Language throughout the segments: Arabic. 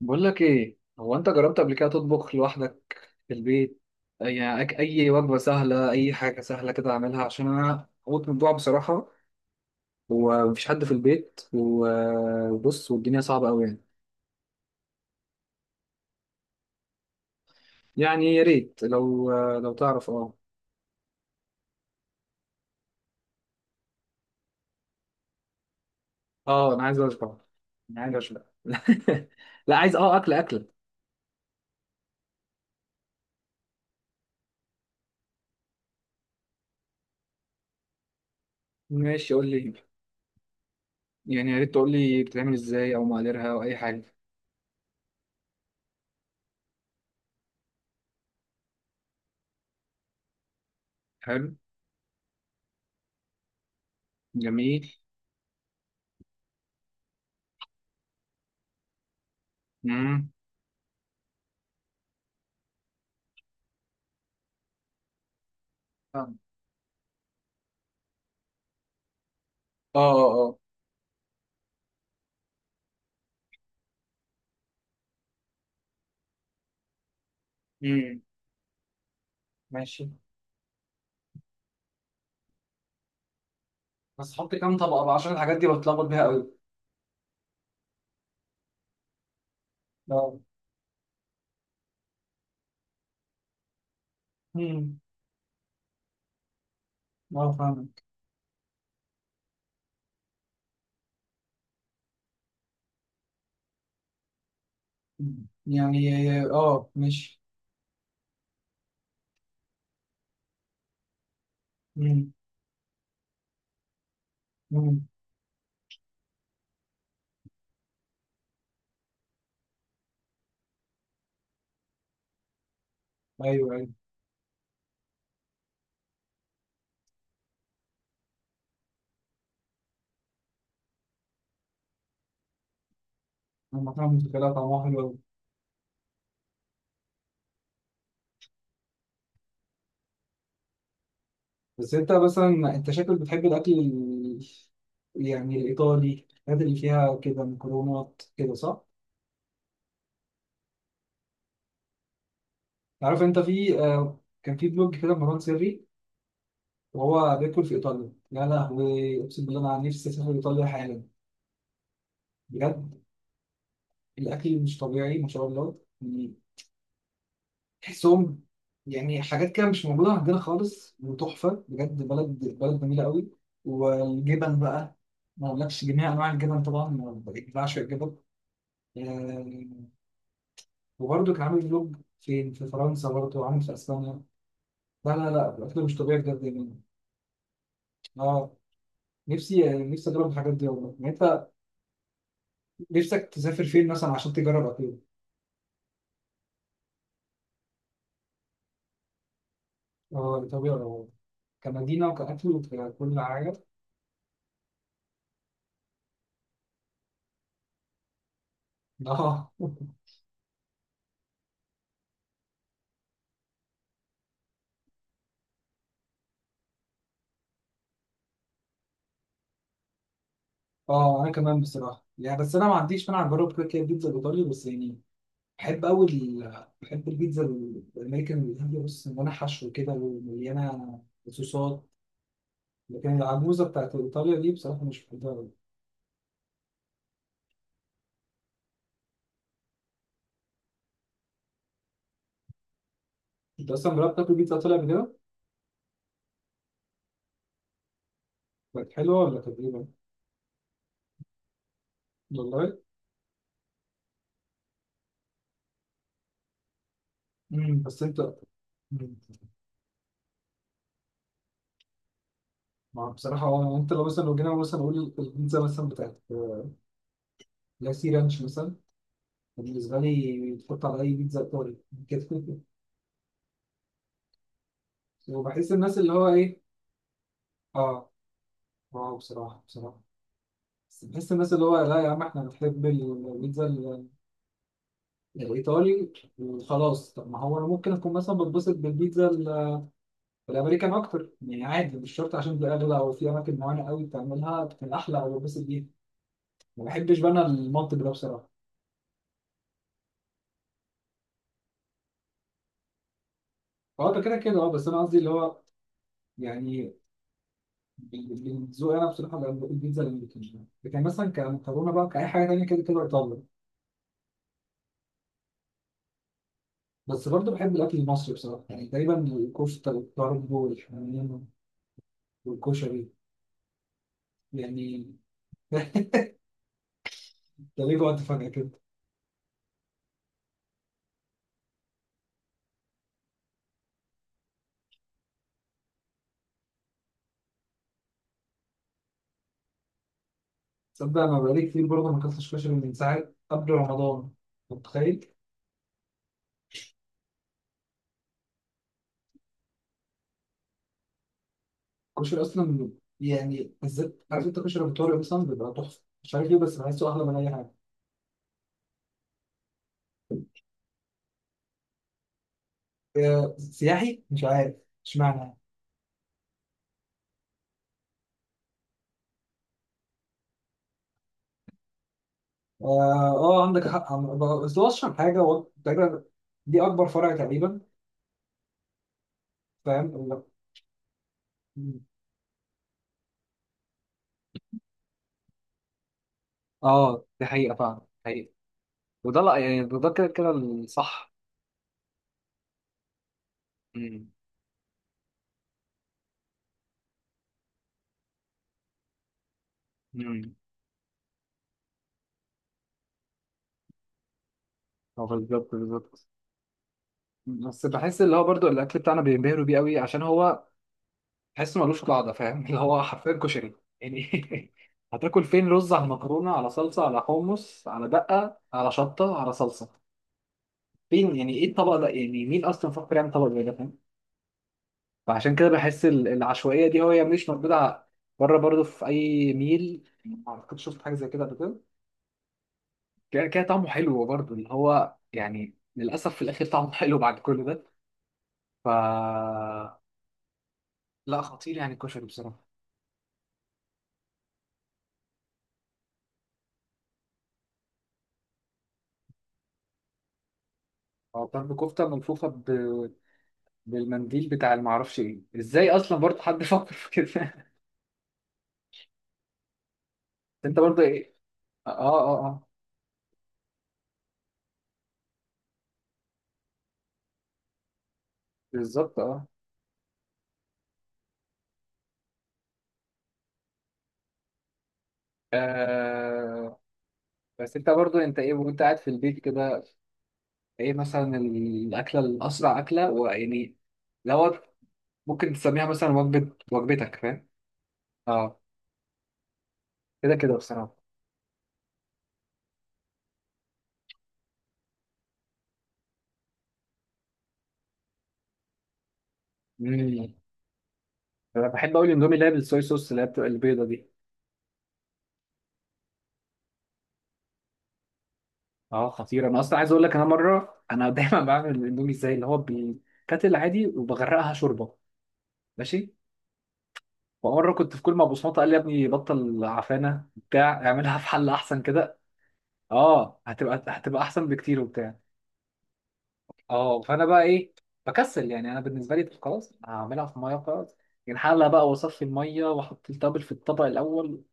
بقول لك ايه، هو انت جربت قبل كده تطبخ لوحدك في البيت؟ يعني اي وجبه سهله، اي حاجه سهله كده اعملها، عشان انا هموت من الجوع بصراحه. ومفيش حد في البيت، وبص، والدنيا صعبه قوي يعني. يعني يا ريت لو لو تعرف اه. اه انا عايز اشبع، انا عايز اشبع لا عايز اكل اكله. ماشي قول لي، يعني يا ريت تقول لي بتتعمل ازاي، او مقاديرها، او اي حاجه. حلو. جميل. امم اه، اه، اه. امم ماشي. بس حط كام طبقة بقى، عشان الحاجات دي بتلخبط بيها قوي. اه. امم اه فاهمك. يعني اه ماشي. امم. امم. ايوه ايوه. انا فاهم الفكره، طعمها حلو قوي. بس انت مثلا، انت شكلك بتحب الاكل يعني الايطالي، الحاجات اللي فيها كده مكرونات كده، صح؟ عارف انت في آه، كان في بلوج كده مروان سري، وهو بياكل في ايطاليا. يا لهوي اقسم بالله انا نفسي اسافر ايطاليا حالا. بجد الاكل مش طبيعي ما شاء الله يعني. تحسهم يعني حاجات كده مش موجودة عندنا خالص، وتحفة بجد. بلد بلد جميلة قوي. والجبن بقى، ما أقولكش. جميع أنواع الجبن طبعا، أنا بعشق الجبن. آه، وبرضه كان عامل فلوج فين في فرنسا، برضه عامل في أسبانيا. لا لا لا الأكل مش طبيعي بجد يعني. أه نفسي نفسي أجرب الحاجات دي والله. يعني أنت نفسك تسافر فين مثلا عشان تجرب أكل؟ أه طبيعي. كمدينة وكأكل وككل حاجة. أه اه انا كمان بصراحه يعني، بس انا ما عنديش مانع اجرب كده كده البيتزا الايطالي، بس يعني بحب قوي بحب البيتزا الامريكان الهندي، بص، مليانه حشو كده ومليانه صوصات. لكن العجوزه بتاعت ايطاليا دي بصراحه مش بحبها قوي. انت اصلا جربت تاكل بيتزا ايطالي قبل كده؟ كانت حلوه ولا كانت ايه؟ والله. بس انت. مم. ما بصراحه هو انت لو مثلا، لو جينا مثلا نقول البيتزا مثلا بتاعت لاسي رانش مثلا، بالنسبه لي تحط على اي بيتزا ايطالي كده وبحس الناس اللي هو ايه، اه، واو بصراحة بصراحة. بس بحس الناس اللي هو لا يا عم احنا بنحب البيتزا الإيطالي وخلاص. طب ما هو أنا ممكن أكون مثلا بتبسط بالبيتزا الأمريكان أكتر يعني عادي. مش شرط عشان دي أغلى، أو في أماكن معينة قوي بتعملها بتكون أحلى، أو بتبسط بيها. ما بحبش بقى أنا المنطق ده بصراحة. هو ده كده كده أه. بس أنا قصدي اللي هو يعني ذوقي أنا بصراحة بقى بقول البيتزا الأمريكان، لكن مثلا كمكرونة بقى، كأي حاجة تانية كده كده إيطالي. بس برضه بحب الأكل المصري بصراحة. يعني تقريبا الكفتة والطرب والحمام، والكشري يعني ده ليه جوعت فجأة كده؟ تصدق أنا بقالي كتير برضه ما أكلتش كشري من ساعة قبل رمضان؟ أنت متخيل؟ الكشري أصلا يعني بالذات، عارف أنت كشري أبو طارق مثلا بيبقى تحفة، مش عارف ليه، بس بحسه أحلى من أي حاجة. آه، سياحي مش عارف، اشمعنى؟ آه, آه عندك حق. بس هو أشهر حاجة هو تقريبا، دي أكبر فرع تقريبا. فاهم مم. اه دي حقيقة فعلا، حقيقة. وده لا يعني، ده كده كده الصح. امم. امم. هو بالظبط بالظبط. بس بحس اللي هو برضو الاكل بتاعنا بينبهروا بيه قوي عشان هو، تحس ملوش قاعده، فاهم اللي هو حرفيا كشري يعني هتاكل فين رز على مكرونه على صلصه على حمص على دقه على شطه على صلصه؟ فين يعني؟ ايه الطبق ده يعني؟ مين اصلا فكر يعمل طبق زي ده، فاهم؟ فعشان كده بحس العشوائيه دي، هي مش موجوده بره برضو. في اي ميل ما اعتقدش شفت حاجه زي كده قبل كده. كده كده طعمه حلو برضو، اللي هو يعني للاسف في الاخر طعمه حلو بعد كل ده. ف لا خطير يعني الكشري بصراحه. هو طرب كفتة ملفوفة ب... بالمنديل بتاع، المعرفش ايه ازاي اصلا برضه حد فكر في كده انت برضه ايه، اه اه اه اه. بالظبط اه. آه، بس انت برضو انت ايه وانت قاعد في البيت كده، ايه مثلا الاكله الاسرع، اكله ويعني لو ممكن تسميها مثلا وجبه، وجبتك فاهم. اه كده كده بصراحه. مم. انا بحب اقول اندومي، اللي هي بالصويا صوص، اللي هي بتبقى البيضه دي. اه خطير، انا اصلا عايز اقول لك، انا مره انا دايما بعمل الاندومي ازاي، اللي هو بيتكتل عادي وبغرقها شوربه ماشي. ومره كنت في، كل ما بصمته قال لي يا ابني بطل عفانه بتاع، اعملها في حله احسن كده. اه هتبقى، هتبقى احسن بكتير وبتاع. اه فانا بقى ايه، بكسل يعني. انا بالنسبه لي طب خلاص هعملها في ميه خلاص يعني، حله بقى واصفي الميه واحط التابل في الطبق الاول.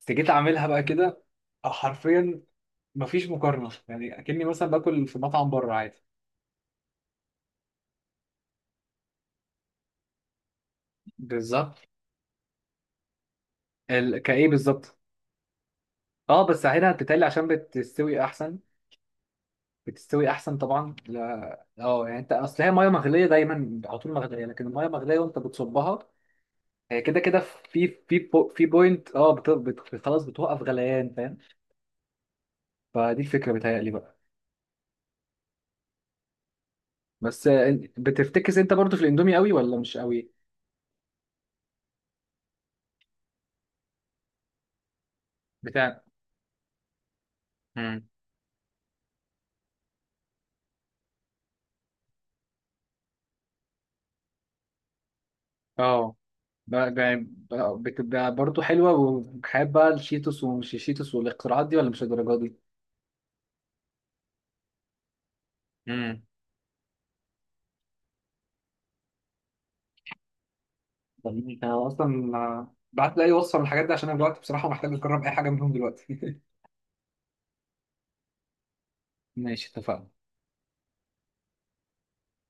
بس جيت اعملها بقى كده، حرفيا مفيش مقارنه، يعني اكني مثلا باكل في مطعم بره عادي. بالظبط. ال... كايه بالظبط. اه بس هنا بتتقلي عشان بتستوي احسن. بتستوي احسن طبعا، لا اه يعني انت، اصل هي ميه مغليه دايما، على طول مغليه، لكن الميه مغليه وانت بتصبها، كده كده في بو... في بوينت اه خلاص بتوقف غليان، فاهم. فدي الفكره بتهيألي بقى. بس بتفتكس انت برضو في الاندومي قوي ولا مش قوي؟ بتاع. مم. اه بتبقى برضو حلوه، وحابه الشيتوس ومش الشيتوس والاختراعات دي، ولا مش الدرجه دي؟ جميل. انا اصلا بعت لي اي وصفه من الحاجات دي، عشان انا دلوقتي بصراحه محتاج اجرب اي حاجه منهم دلوقتي ماشي اتفقنا.